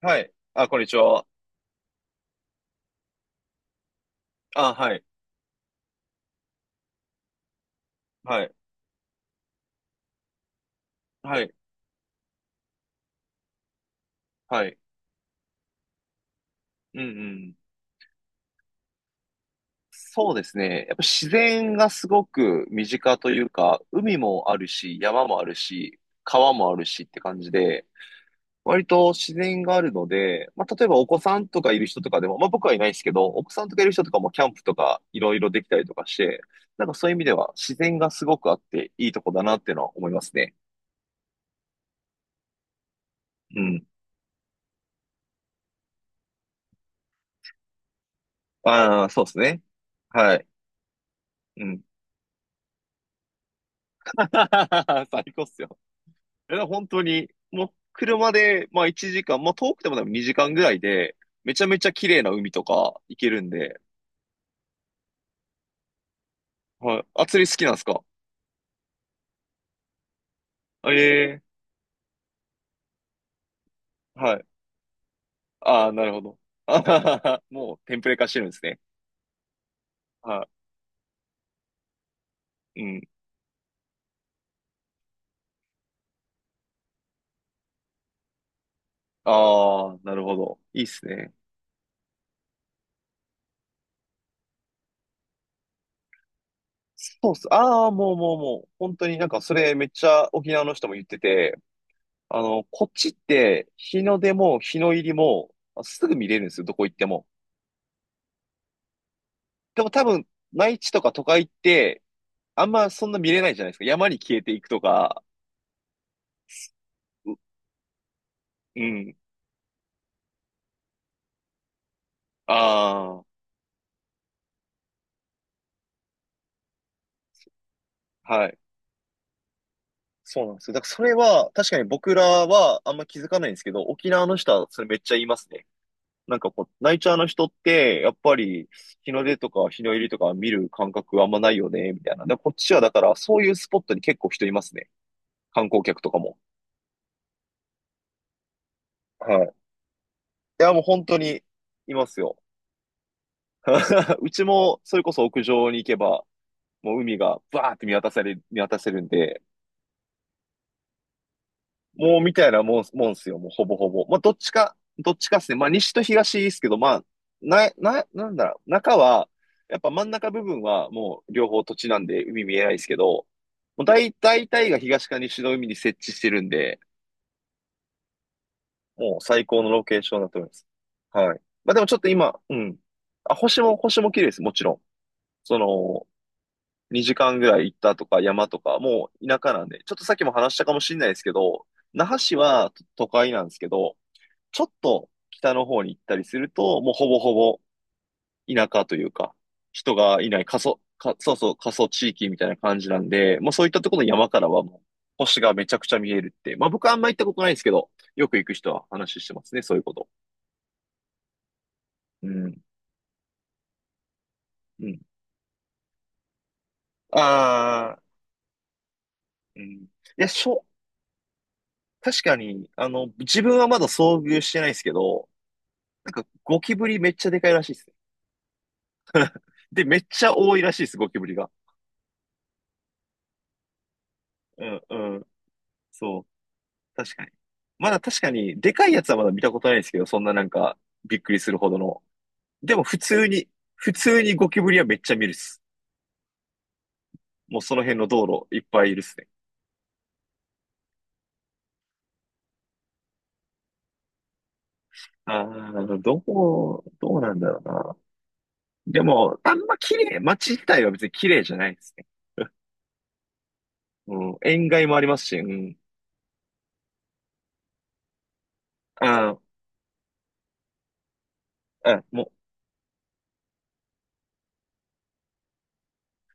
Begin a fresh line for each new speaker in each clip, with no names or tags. はい。あ、こんにちは。あ、はい。はい。はい。はい。うんうん。そうですね。やっぱ自然がすごく身近というか、海もあるし、山もあるし、川もあるしって感じで、割と自然があるので、まあ、例えばお子さんとかいる人とかでも、まあ、僕はいないですけど、お子さんとかいる人とかもキャンプとかいろいろできたりとかして、なんかそういう意味では自然がすごくあっていいとこだなっていうのは思いますね。うん。ああ、そうですね。はい。うん。最高っすよ。いや、本当に、もう車で、まあ1時間、まあ遠くてもでも2時間ぐらいで、めちゃめちゃ綺麗な海とか行けるんで。はい。あ、釣り好きなんですか？ええ、はい。ああ、なるほど。あはははもうテンプレ化してるんですね。はい。うん。ああ、なるほど。いいっすね。そうっす。ああ、もうもうもう、本当になんかそれめっちゃ沖縄の人も言ってて、あの、こっちって日の出も日の入りもあすぐ見れるんですよ、どこ行っても。でも多分、内地とか都会ってあんまそんな見れないじゃないですか。山に消えていくとか。う、うん。ああ、はい。そうなんですよ。だからそれは、確かに僕らはあんま気づかないんですけど、沖縄の人はそれめっちゃ言いますね。なんかこう、ナイチャーの人って、やっぱり日の出とか日の入りとか見る感覚あんまないよね、みたいな。で、こっちはだからそういうスポットに結構人いますね。観光客とかも。はい。いや、もう本当にいますよ。うちも、それこそ屋上に行けば、もう海がバーって見渡せるんで、もうみたいなもんすよ、もうほぼほぼ。まあ、どっちかですね。まあ、西と東ですけど、まあ、なんだろう、中は、やっぱ真ん中部分はもう両方土地なんで海見えないですけど、もう大体が東か西の海に設置してるんで、もう最高のロケーションだと思います。はい。まあ、でもちょっと今、うん。あ、星も綺麗です、もちろん。その、2時間ぐらい行ったとか山とか、もう田舎なんで、ちょっとさっきも話したかもしれないですけど、那覇市は都会なんですけど、ちょっと北の方に行ったりすると、もうほぼほぼ田舎というか、人がいない過疎、か、そうそう、過疎地域みたいな感じなんで、もうそういったところの山からはもう星がめちゃくちゃ見えるって。まあ僕はあんま行ったことないんですけど、よく行く人は話してますね、そういうこと。うん、うん。ああ、うん。いや、確かに、あの、自分はまだ遭遇してないですけど、なんかゴキブリめっちゃでかいらしいですね。で、めっちゃ多いらしいです、ゴキブリが。うん、うん。そう。確かに。まだ確かに、でかいやつはまだ見たことないですけど、そんななんか、びっくりするほどの。でも普通に、普通にゴキブリはめっちゃ見るっす。もうその辺の道路いっぱいいるっすね。ああ、どうなんだろうな。でも、あんま綺麗、街自体は別に綺麗じゃないですね。うん、塩害もありますし、うん。ああ、うん、も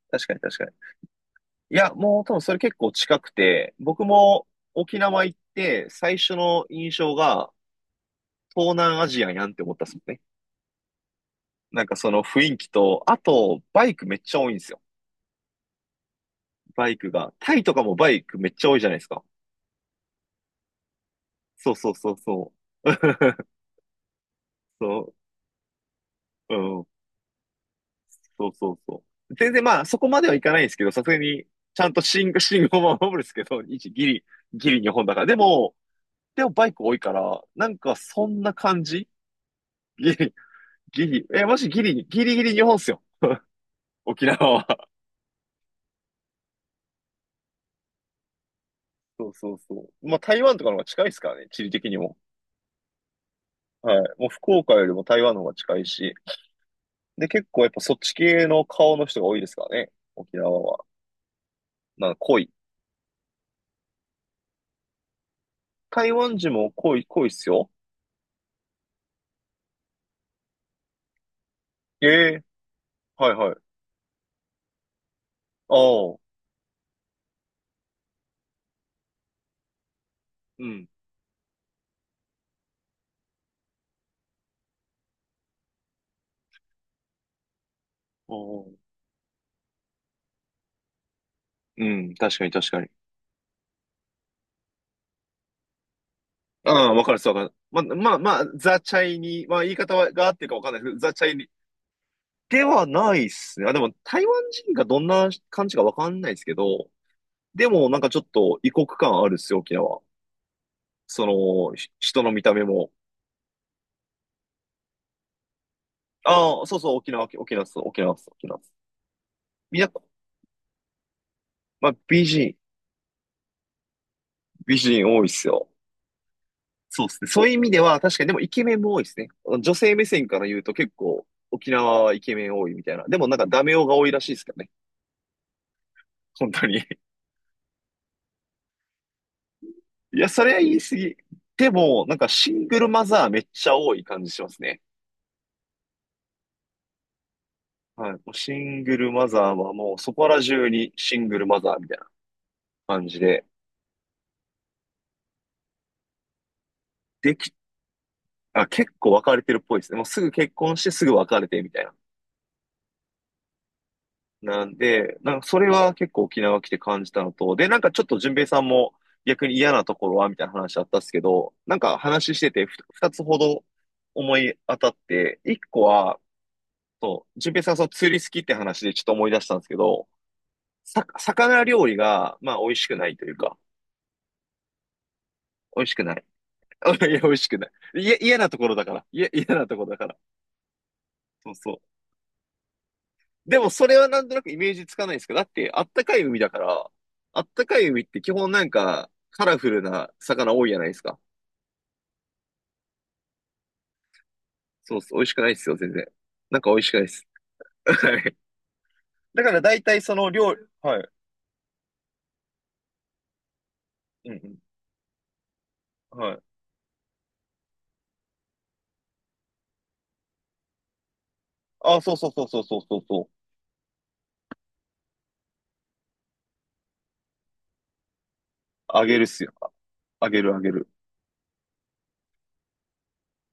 う、確かに確かに。いや、もう多分それ結構近くて、僕も沖縄行って最初の印象が東南アジアやんって思ったっすもんね。なんかその雰囲気と、あと、バイクめっちゃ多いんですよ。バイクが。タイとかもバイクめっちゃ多いじゃないですか。そうそうそうそう。そう、うん、そうそうそう。全然まあ、そこまではいかないんですけど、さすがに、ちゃんと信号も守るんですけど、一ギリ、ギリ日本だから。でも、でもバイク多いから、なんかそんな感じ。ギリ、ギリギリ日本っすよ。沖縄は。そうそうそう。まあ、台湾とかの方が近いですからね、地理的にも。はい。もう福岡よりも台湾の方が近いし、で、結構やっぱそっち系の顔の人が多いですからね。沖縄は。なんか濃い。台湾人も濃いっすよ。ええ、はいはい。ああ、うん。ああ、うん、確かに確かに。ああ、わかるっすわかる。まあまあ、ザ・チャイニー、まあ言い方はが合ってるかわかんないですけど、ザ・チャイニーではないっすね。あ、でも台湾人がどんな感じかわかんないですけど、でもなんかちょっと異国感あるっすよ、沖縄。その、人の見た目も。ああ、そうそう、沖縄、沖縄っす、沖縄っす、沖縄っす。みんなまあ、美人多いっすよ。そうですね。そういう意味では、確かにでもイケメンも多いですね。女性目線から言うと結構沖縄はイケメン多いみたいな。でもなんかダメ男が多いらしいですからね。本当に。いや、それは言い過ぎ。でも、なんかシングルマザーめっちゃ多い感じしますね。はい。もうシングルマザーはもうそこら中にシングルマザーみたいな感じで。でき、あ、結構別れてるっぽいですね。もうすぐ結婚してすぐ別れてみたいな。なんで、なんかそれは結構沖縄来て感じたのと、で、なんかちょっと淳平さんも逆に嫌なところはみたいな話あったっすけど、なんか話してて二つほど思い当たって、一個は、そう、淳平さんがその釣り好きって話でちょっと思い出したんですけど、魚料理が、まあ美味しくないというか、美味しくない。いや、美味しくない。いや、嫌なところだから。いや、嫌なところだから。そうそう。でもそれはなんとなくイメージつかないんですけど、だってあったかい海だから、あったかい海って基本なんかカラフルな魚多いじゃないですか。そうです。美味しくないですよ、全然。なんか美味しくないです。はい。だから大体その料理、はい。うんうん。はい。あ、そうそうそうそうそうそうそう。あげるっすよ。あげるあげる。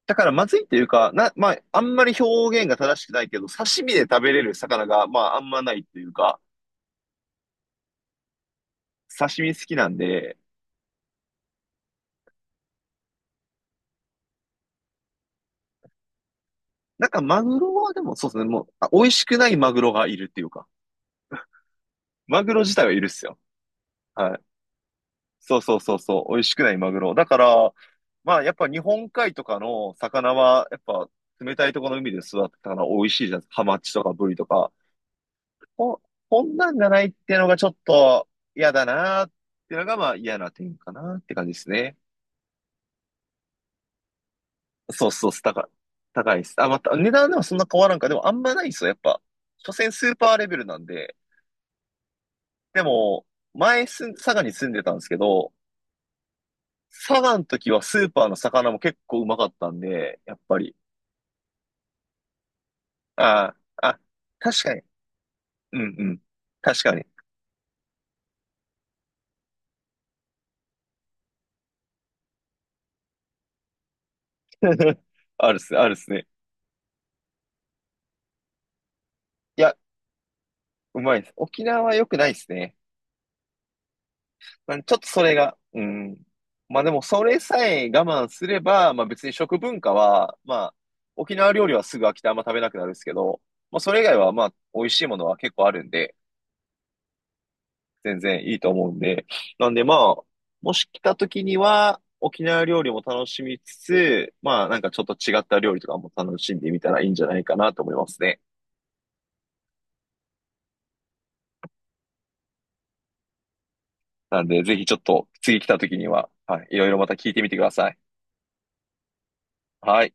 だからまずいっていうか、まあ、あんまり表現が正しくないけど、刺身で食べれる魚が、まあ、あんまないっていうか、刺身好きなんで、なんかマグロはでもそうですね、もう、あ美味しくないマグロがいるっていうか。マグロ自体はいるっすよ。はい。そうそうそうそう。美味しくないマグロ。だから、まあやっぱ日本海とかの魚は、やっぱ冷たいところの海で育ったから美味しいじゃないですか。ハマチとかブリとか。こ、こんなんじゃないっていうのがちょっと嫌だなっていうのがまあ嫌な点かなって感じですね。そうそう高い。高いです。あ、また、値段ではそんな変わらんか。でもあんまないっすよ、やっぱ。所詮スーパーレベルなんで。でも、佐賀に住んでたんですけど、佐賀の時はスーパーの魚も結構うまかったんで、やっぱり。ああ、あ、確かに。うんうん。確かに。あるっすね、あるっすね。いや、うまいです。沖縄は良くないっすね。まあ、ちょっとそれが、うん。まあでも、それさえ我慢すれば、まあ別に食文化は、まあ、沖縄料理はすぐ飽きてあんま食べなくなるんですけど、まあそれ以外はまあ、美味しいものは結構あるんで、全然いいと思うんで。なんでまあ、もし来た時には、沖縄料理も楽しみつつ、まあなんかちょっと違った料理とかも楽しんでみたらいいんじゃないかなと思いますね。なんでぜひちょっと次来た時には、はい、いろいろまた聞いてみてください。はい。